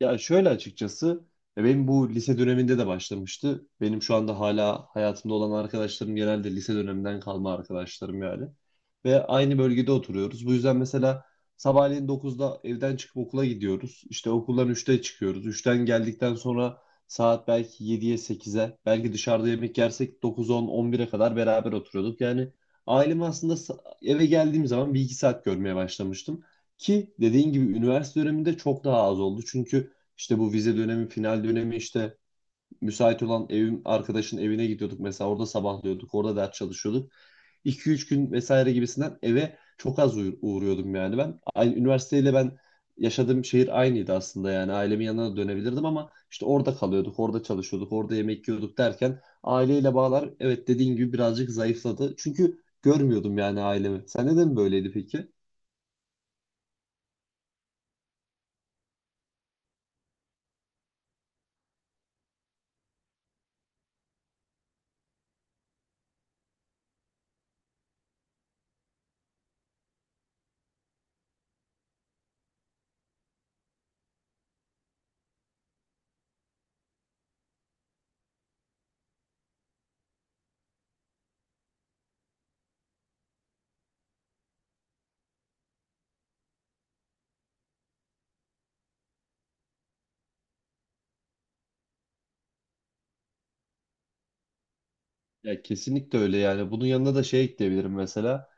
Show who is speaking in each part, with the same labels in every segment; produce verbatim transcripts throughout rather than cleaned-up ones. Speaker 1: Ya şöyle açıkçası ya benim bu lise döneminde de başlamıştı. Benim şu anda hala hayatımda olan arkadaşlarım genelde lise döneminden kalma arkadaşlarım yani. Ve aynı bölgede oturuyoruz. Bu yüzden mesela sabahleyin dokuzda evden çıkıp okula gidiyoruz. İşte okuldan üçte çıkıyoruz. Üçten geldikten sonra saat belki yediye sekize, belki dışarıda yemek yersek dokuz on on bire kadar beraber oturuyorduk. Yani ailemi aslında sa- eve geldiğim zaman bir iki saat görmeye başlamıştım. Ki dediğin gibi üniversite döneminde çok daha az oldu. Çünkü işte bu vize dönemi, final dönemi, işte müsait olan evim arkadaşın evine gidiyorduk mesela. Orada sabahlıyorduk, orada ders çalışıyorduk. iki üç gün vesaire gibisinden eve çok az uğ- uğruyordum yani ben. Aynı üniversiteyle ben yaşadığım şehir aynıydı aslında, yani ailemin yanına da dönebilirdim ama işte orada kalıyorduk, orada çalışıyorduk, orada yemek yiyorduk derken aileyle bağlar, evet, dediğin gibi birazcık zayıfladı. Çünkü görmüyordum yani ailemi. Sen neden böyleydi peki? Ya kesinlikle öyle yani. Bunun yanına da şey ekleyebilirim mesela.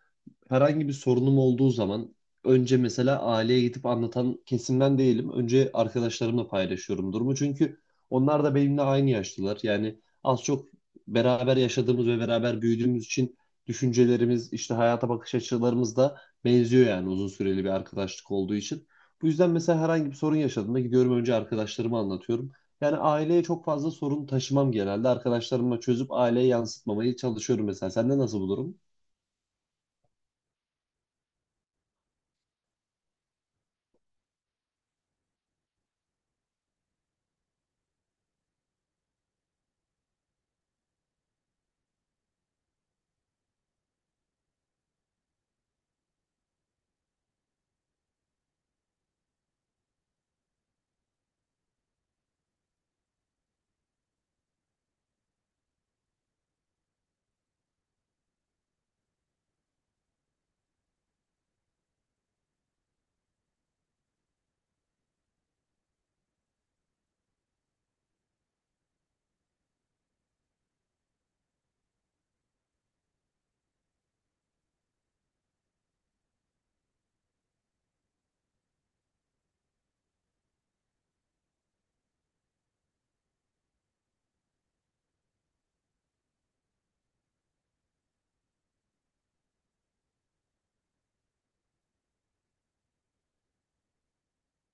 Speaker 1: Herhangi bir sorunum olduğu zaman önce mesela aileye gidip anlatan kesimden değilim. Önce arkadaşlarımla paylaşıyorum durumu. Çünkü onlar da benimle aynı yaşlılar. Yani az çok beraber yaşadığımız ve beraber büyüdüğümüz için düşüncelerimiz, işte hayata bakış açılarımız da benziyor yani, uzun süreli bir arkadaşlık olduğu için. Bu yüzden mesela herhangi bir sorun yaşadığımda gidiyorum önce arkadaşlarıma anlatıyorum. Yani aileye çok fazla sorun taşımam genelde. Arkadaşlarıma çözüp aileye yansıtmamaya çalışıyorum mesela. Sende nasıl bu durum?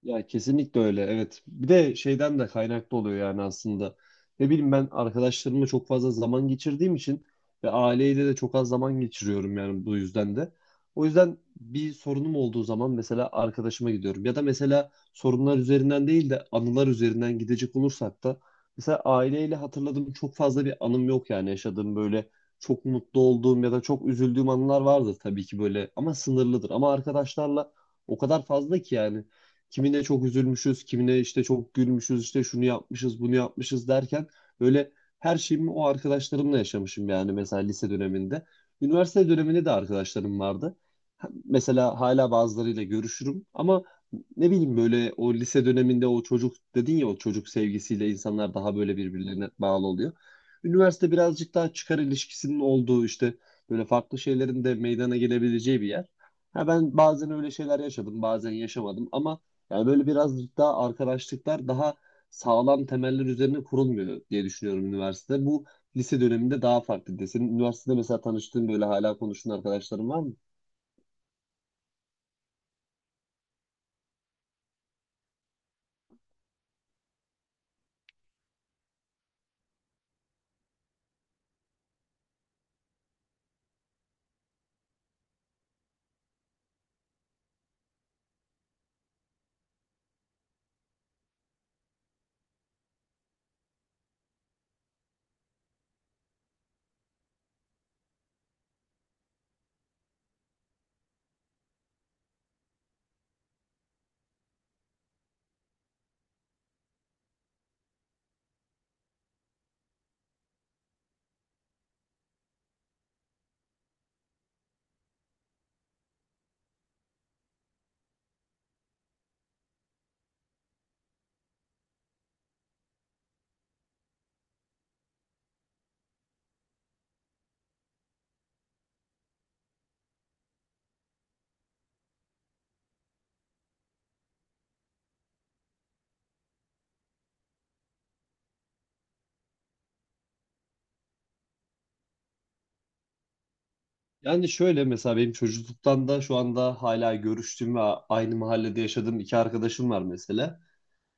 Speaker 1: Ya kesinlikle öyle, evet. Bir de şeyden de kaynaklı oluyor yani aslında. Ne bileyim, ben arkadaşlarımla çok fazla zaman geçirdiğim için ve aileyle de çok az zaman geçiriyorum yani, bu yüzden de. O yüzden bir sorunum olduğu zaman mesela arkadaşıma gidiyorum. Ya da mesela sorunlar üzerinden değil de anılar üzerinden gidecek olursak da, mesela aileyle hatırladığım çok fazla bir anım yok yani. Yaşadığım böyle çok mutlu olduğum ya da çok üzüldüğüm anılar vardır tabii ki böyle, ama sınırlıdır. Ama arkadaşlarla o kadar fazla ki yani, kimine çok üzülmüşüz, kimine işte çok gülmüşüz, işte şunu yapmışız, bunu yapmışız derken böyle her şeyimi o arkadaşlarımla yaşamışım yani, mesela lise döneminde. Üniversite döneminde de arkadaşlarım vardı. Ha- Mesela hala bazılarıyla görüşürüm ama ne bileyim böyle, o lise döneminde o çocuk dedin ya, o çocuk sevgisiyle insanlar daha böyle birbirlerine bağlı oluyor. Üniversite birazcık daha çıkar ilişkisinin olduğu, işte böyle farklı şeylerin de meydana gelebileceği bir yer. Ha, ben bazen öyle şeyler yaşadım, bazen yaşamadım ama yani böyle biraz daha arkadaşlıklar daha sağlam temeller üzerine kurulmuyor diye düşünüyorum üniversitede. Bu lise döneminde daha farklıydı. Senin üniversitede mesela tanıştığın böyle hala konuştuğun arkadaşların var mı? Yani şöyle, mesela benim çocukluktan da şu anda hala görüştüğüm ve aynı mahallede yaşadığım iki arkadaşım var mesela.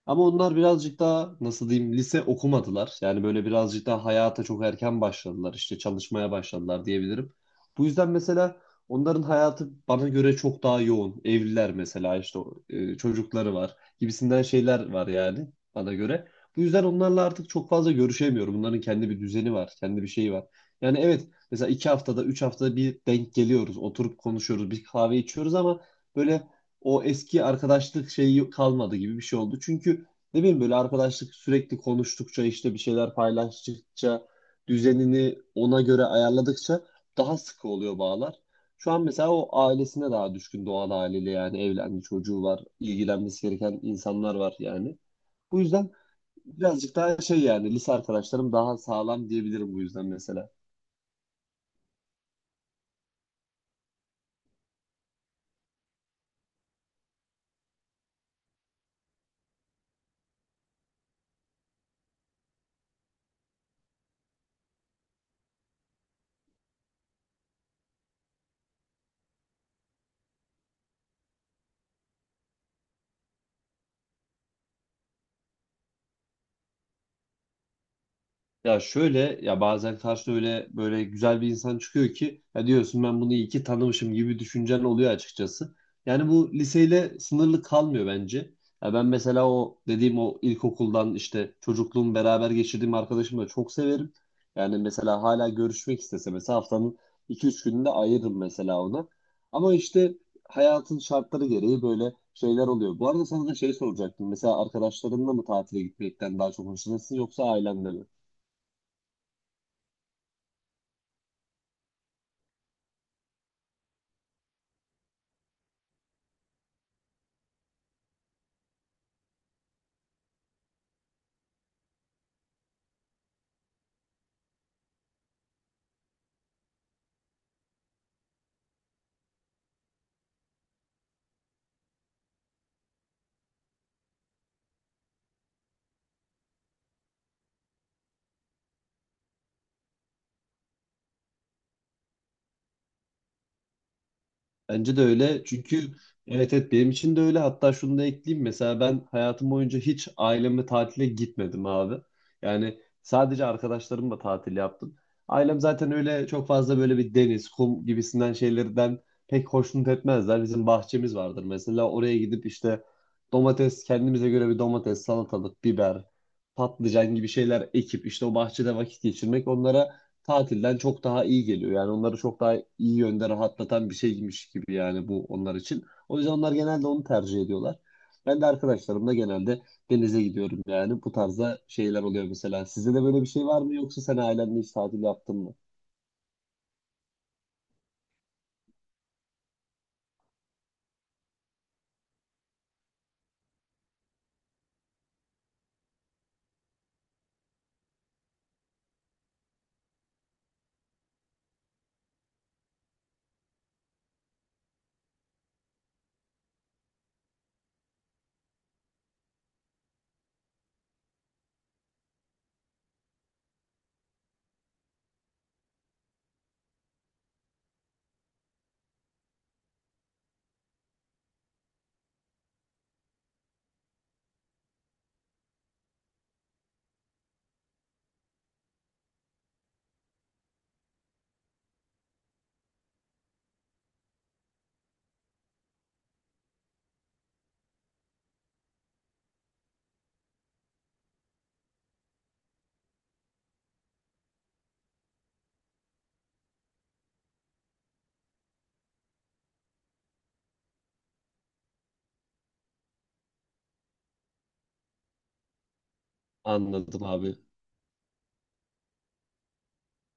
Speaker 1: Ama onlar birazcık daha nasıl diyeyim, lise okumadılar. Yani böyle birazcık daha hayata çok erken başladılar. İşte çalışmaya başladılar diyebilirim. Bu yüzden mesela onların hayatı bana göre çok daha yoğun. Evliler mesela, işte e, çocukları var gibisinden şeyler var yani, bana göre. Bu yüzden onlarla artık çok fazla görüşemiyorum. Bunların kendi bir düzeni var, kendi bir şeyi var. Yani evet, mesela iki haftada, üç haftada bir denk geliyoruz. Oturup konuşuyoruz, bir kahve içiyoruz ama böyle o eski arkadaşlık şeyi kalmadı gibi bir şey oldu. Çünkü ne bileyim, böyle arkadaşlık sürekli konuştukça, işte bir şeyler paylaştıkça, düzenini ona göre ayarladıkça daha sıkı oluyor bağlar. Şu an mesela o ailesine daha düşkün Doğan haliyle, yani evlendi, çocuğu var, ilgilenmesi gereken insanlar var yani. Bu yüzden birazcık daha şey, yani lise arkadaşlarım daha sağlam diyebilirim bu yüzden mesela. Ya şöyle, ya bazen karşına öyle böyle güzel bir insan çıkıyor ki, ya diyorsun ben bunu iyi ki tanımışım gibi düşüncen oluyor açıkçası. Yani bu liseyle sınırlı kalmıyor bence. Ya ben mesela o dediğim, o ilkokuldan işte çocukluğum beraber geçirdiğim arkadaşımı da çok severim. Yani mesela hala görüşmek istese mesela haftanın iki üç gününde ayırırım mesela ona. Ama işte hayatın şartları gereği böyle şeyler oluyor. Bu arada sana da şey soracaktım. Mesela arkadaşlarınla mı tatile gitmekten daha çok hoşlanırsın yoksa ailenle mi? Bence de öyle. Çünkü evet evet, benim için de öyle. Hatta şunu da ekleyeyim. Mesela ben hayatım boyunca hiç ailemle tatile gitmedim abi. Yani sadece arkadaşlarımla tatil yaptım. Ailem zaten öyle çok fazla böyle bir deniz, kum gibisinden şeylerden pek hoşnut etmezler. Bizim bahçemiz vardır mesela. Oraya gidip işte domates, kendimize göre bir domates, salatalık, biber, patlıcan gibi şeyler ekip işte o bahçede vakit geçirmek onlara tatilden çok daha iyi geliyor. Yani onları çok daha iyi yönde rahatlatan bir şeymiş gibi yani, bu onlar için. O yüzden onlar genelde onu tercih ediyorlar. Ben de arkadaşlarımla genelde denize gidiyorum yani. Bu tarzda şeyler oluyor mesela. Sizde de böyle bir şey var mı, yoksa sen ailenle hiç tatil yaptın mı? Anladım abi.